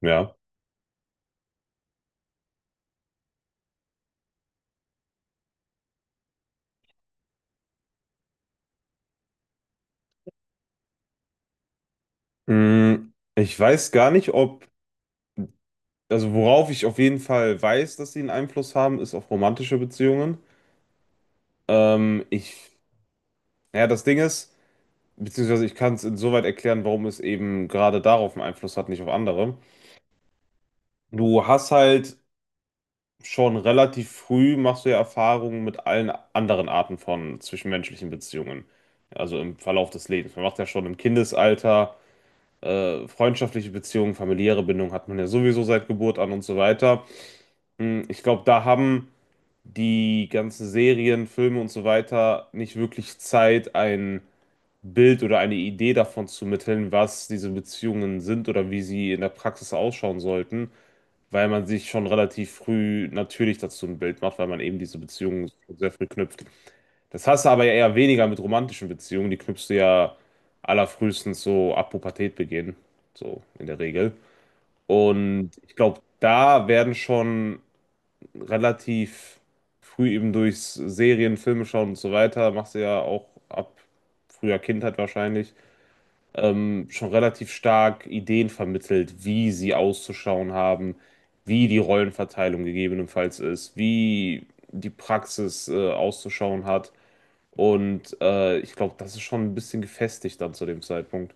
Ja. Ich weiß gar nicht, ob, also worauf ich auf jeden Fall weiß, dass sie einen Einfluss haben, ist auf romantische Beziehungen. Ich, ja, das Ding ist, beziehungsweise ich kann es insoweit erklären, warum es eben gerade darauf einen Einfluss hat, nicht auf andere. Du hast halt schon relativ früh machst du ja Erfahrungen mit allen anderen Arten von zwischenmenschlichen Beziehungen. Also im Verlauf des Lebens. Man macht ja schon im Kindesalter freundschaftliche Beziehungen, familiäre Bindungen hat man ja sowieso seit Geburt an und so weiter. Ich glaube, da haben die ganzen Serien, Filme und so weiter nicht wirklich Zeit, ein Bild oder eine Idee davon zu mitteln, was diese Beziehungen sind oder wie sie in der Praxis ausschauen sollten, weil man sich schon relativ früh natürlich dazu ein Bild macht, weil man eben diese Beziehungen sehr früh knüpft. Das hast du aber ja eher weniger mit romantischen Beziehungen, die knüpfst du ja allerfrühestens so ab Pubertät begehen, so in der Regel. Und ich glaube, da werden schon relativ früh eben durch Serien, Filme schauen und so weiter, machst du ja auch ab früher Kindheit wahrscheinlich, schon relativ stark Ideen vermittelt, wie sie auszuschauen haben, wie die Rollenverteilung gegebenenfalls ist, wie die Praxis auszuschauen hat. Und ich glaube, das ist schon ein bisschen gefestigt dann zu dem Zeitpunkt.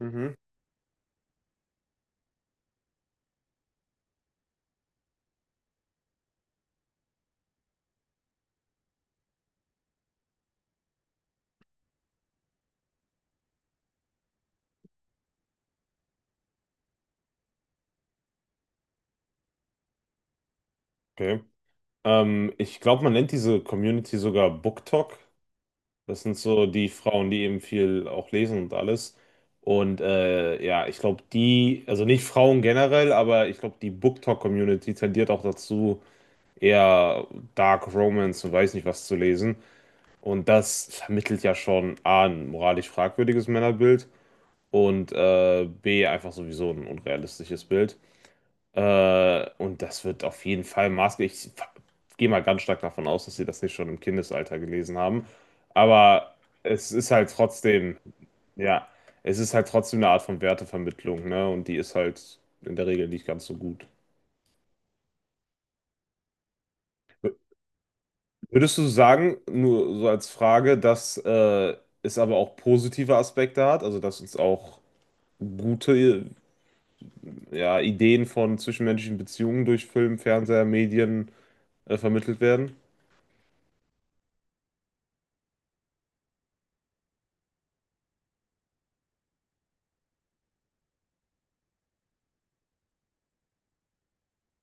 Mhm. Okay. Ich glaube, man nennt diese Community sogar BookTok. Das sind so die Frauen, die eben viel auch lesen und alles. Und ja, ich glaube, die, also nicht Frauen generell, aber ich glaube, die BookTok-Community tendiert auch dazu, eher Dark Romance und weiß nicht was zu lesen. Und das vermittelt ja schon A, ein moralisch fragwürdiges Männerbild und B, einfach sowieso ein unrealistisches Bild. Und das wird auf jeden Fall maßgeblich. Gehe mal ganz stark davon aus, dass sie das nicht schon im Kindesalter gelesen haben. Aber es ist halt trotzdem, ja, es ist halt trotzdem eine Art von Wertevermittlung, ne? Und die ist halt in der Regel nicht ganz so gut. Würdest du sagen, nur so als Frage, dass es aber auch positive Aspekte hat, also dass uns auch gute, ja, Ideen von zwischenmenschlichen Beziehungen durch Film, Fernseher, Medien vermittelt werden?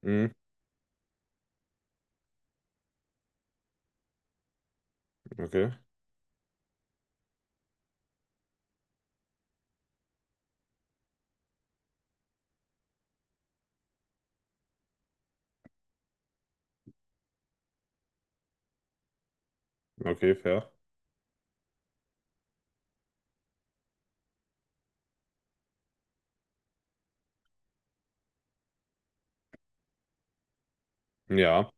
Mhm. Okay, okay, fair. Ja.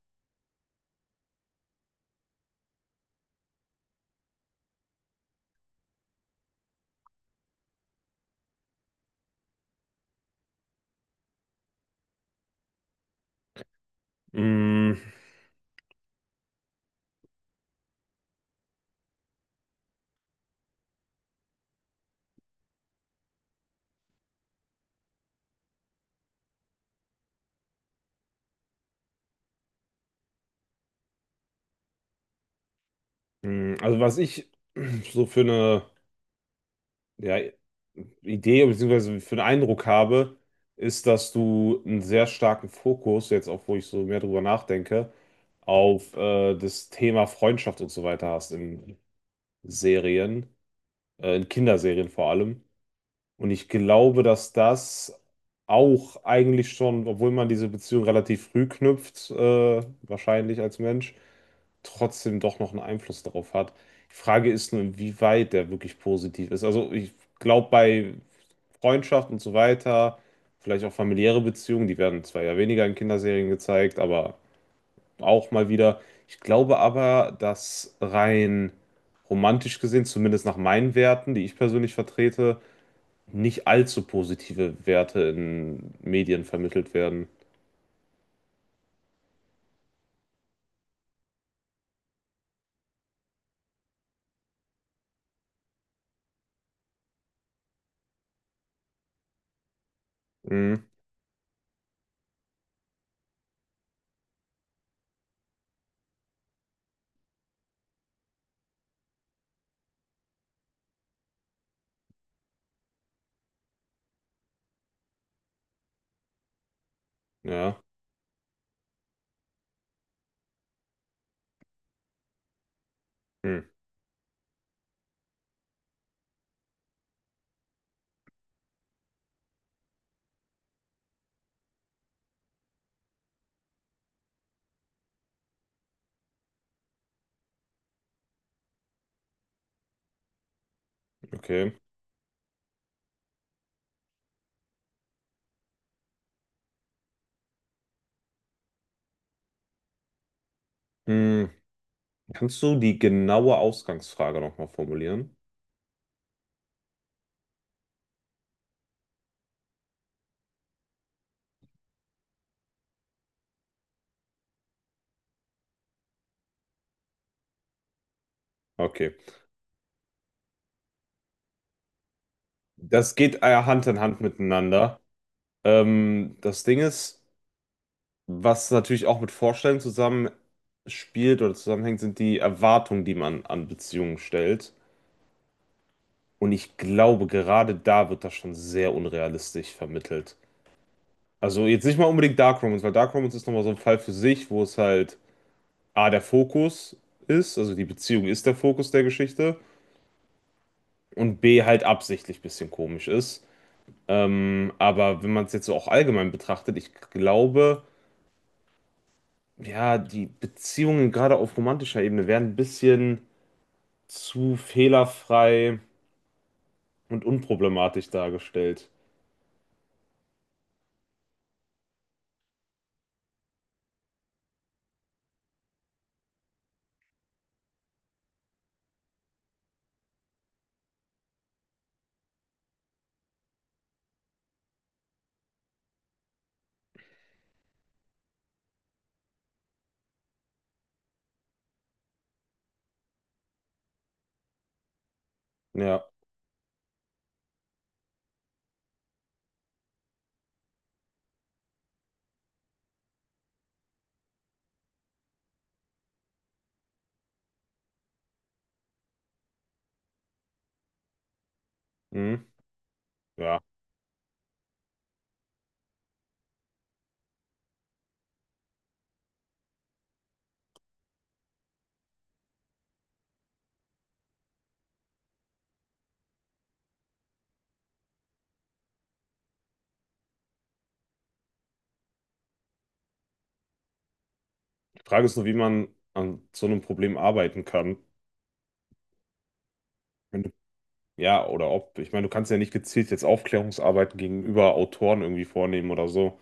Mm, also was ich so für eine, ja, Idee, bzw. für einen Eindruck habe, ist, dass du einen sehr starken Fokus, jetzt auch wo ich so mehr drüber nachdenke, auf das Thema Freundschaft und so weiter hast in Serien, in Kinderserien vor allem. Und ich glaube, dass das auch eigentlich schon, obwohl man diese Beziehung relativ früh knüpft, wahrscheinlich als Mensch, trotzdem doch noch einen Einfluss darauf hat. Die Frage ist nur, inwieweit der wirklich positiv ist. Also ich glaube, bei Freundschaft und so weiter, vielleicht auch familiäre Beziehungen, die werden zwar ja weniger in Kinderserien gezeigt, aber auch mal wieder. Ich glaube aber, dass rein romantisch gesehen, zumindest nach meinen Werten, die ich persönlich vertrete, nicht allzu positive Werte in Medien vermittelt werden. Hm, ja, hm, okay. Hm, kannst du die genaue Ausgangsfrage nochmal formulieren? Okay. Das geht Hand in Hand miteinander. Das Ding ist, was natürlich auch mit Vorstellungen zusammen spielt oder zusammenhängt, sind die Erwartungen, die man an Beziehungen stellt. Und ich glaube, gerade da wird das schon sehr unrealistisch vermittelt. Also jetzt nicht mal unbedingt Dark Romance, weil Dark Romance ist nochmal so ein Fall für sich, wo es halt A, der Fokus ist, also die Beziehung ist der Fokus der Geschichte und B, halt absichtlich ein bisschen komisch ist. Aber wenn man es jetzt so auch allgemein betrachtet, ich glaube, ja, die Beziehungen gerade auf romantischer Ebene werden ein bisschen zu fehlerfrei und unproblematisch dargestellt. Ja, mhm. Ja. Die Frage ist nur, wie man an so einem Problem arbeiten kann. Wenn du, ja, oder ob. Ich meine, du kannst ja nicht gezielt jetzt Aufklärungsarbeiten gegenüber Autoren irgendwie vornehmen oder so.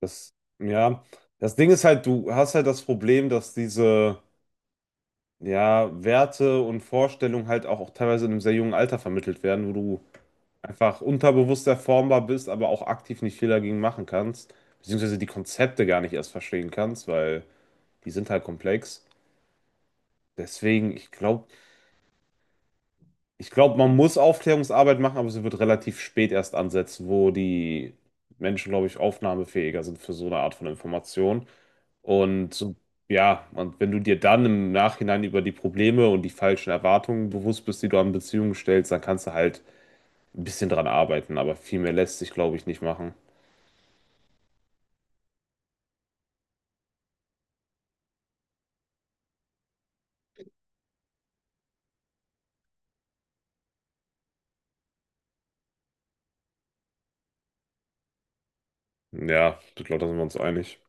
Das, ja. Das Ding ist halt, du hast halt das Problem, dass diese, ja, Werte und Vorstellungen halt auch, auch teilweise in einem sehr jungen Alter vermittelt werden, wo du einfach unterbewusst erformbar bist, aber auch aktiv nicht viel dagegen machen kannst, beziehungsweise die Konzepte gar nicht erst verstehen kannst, weil die sind halt komplex. Deswegen, ich glaube, man muss Aufklärungsarbeit machen, aber sie wird relativ spät erst ansetzen, wo die Menschen, glaube ich, aufnahmefähiger sind für so eine Art von Information. Und so- ja, und wenn du dir dann im Nachhinein über die Probleme und die falschen Erwartungen bewusst bist, die du an Beziehungen stellst, dann kannst du halt ein bisschen dran arbeiten, aber viel mehr lässt sich, glaube ich, nicht machen. Ja, ich glaube, da sind wir uns einig.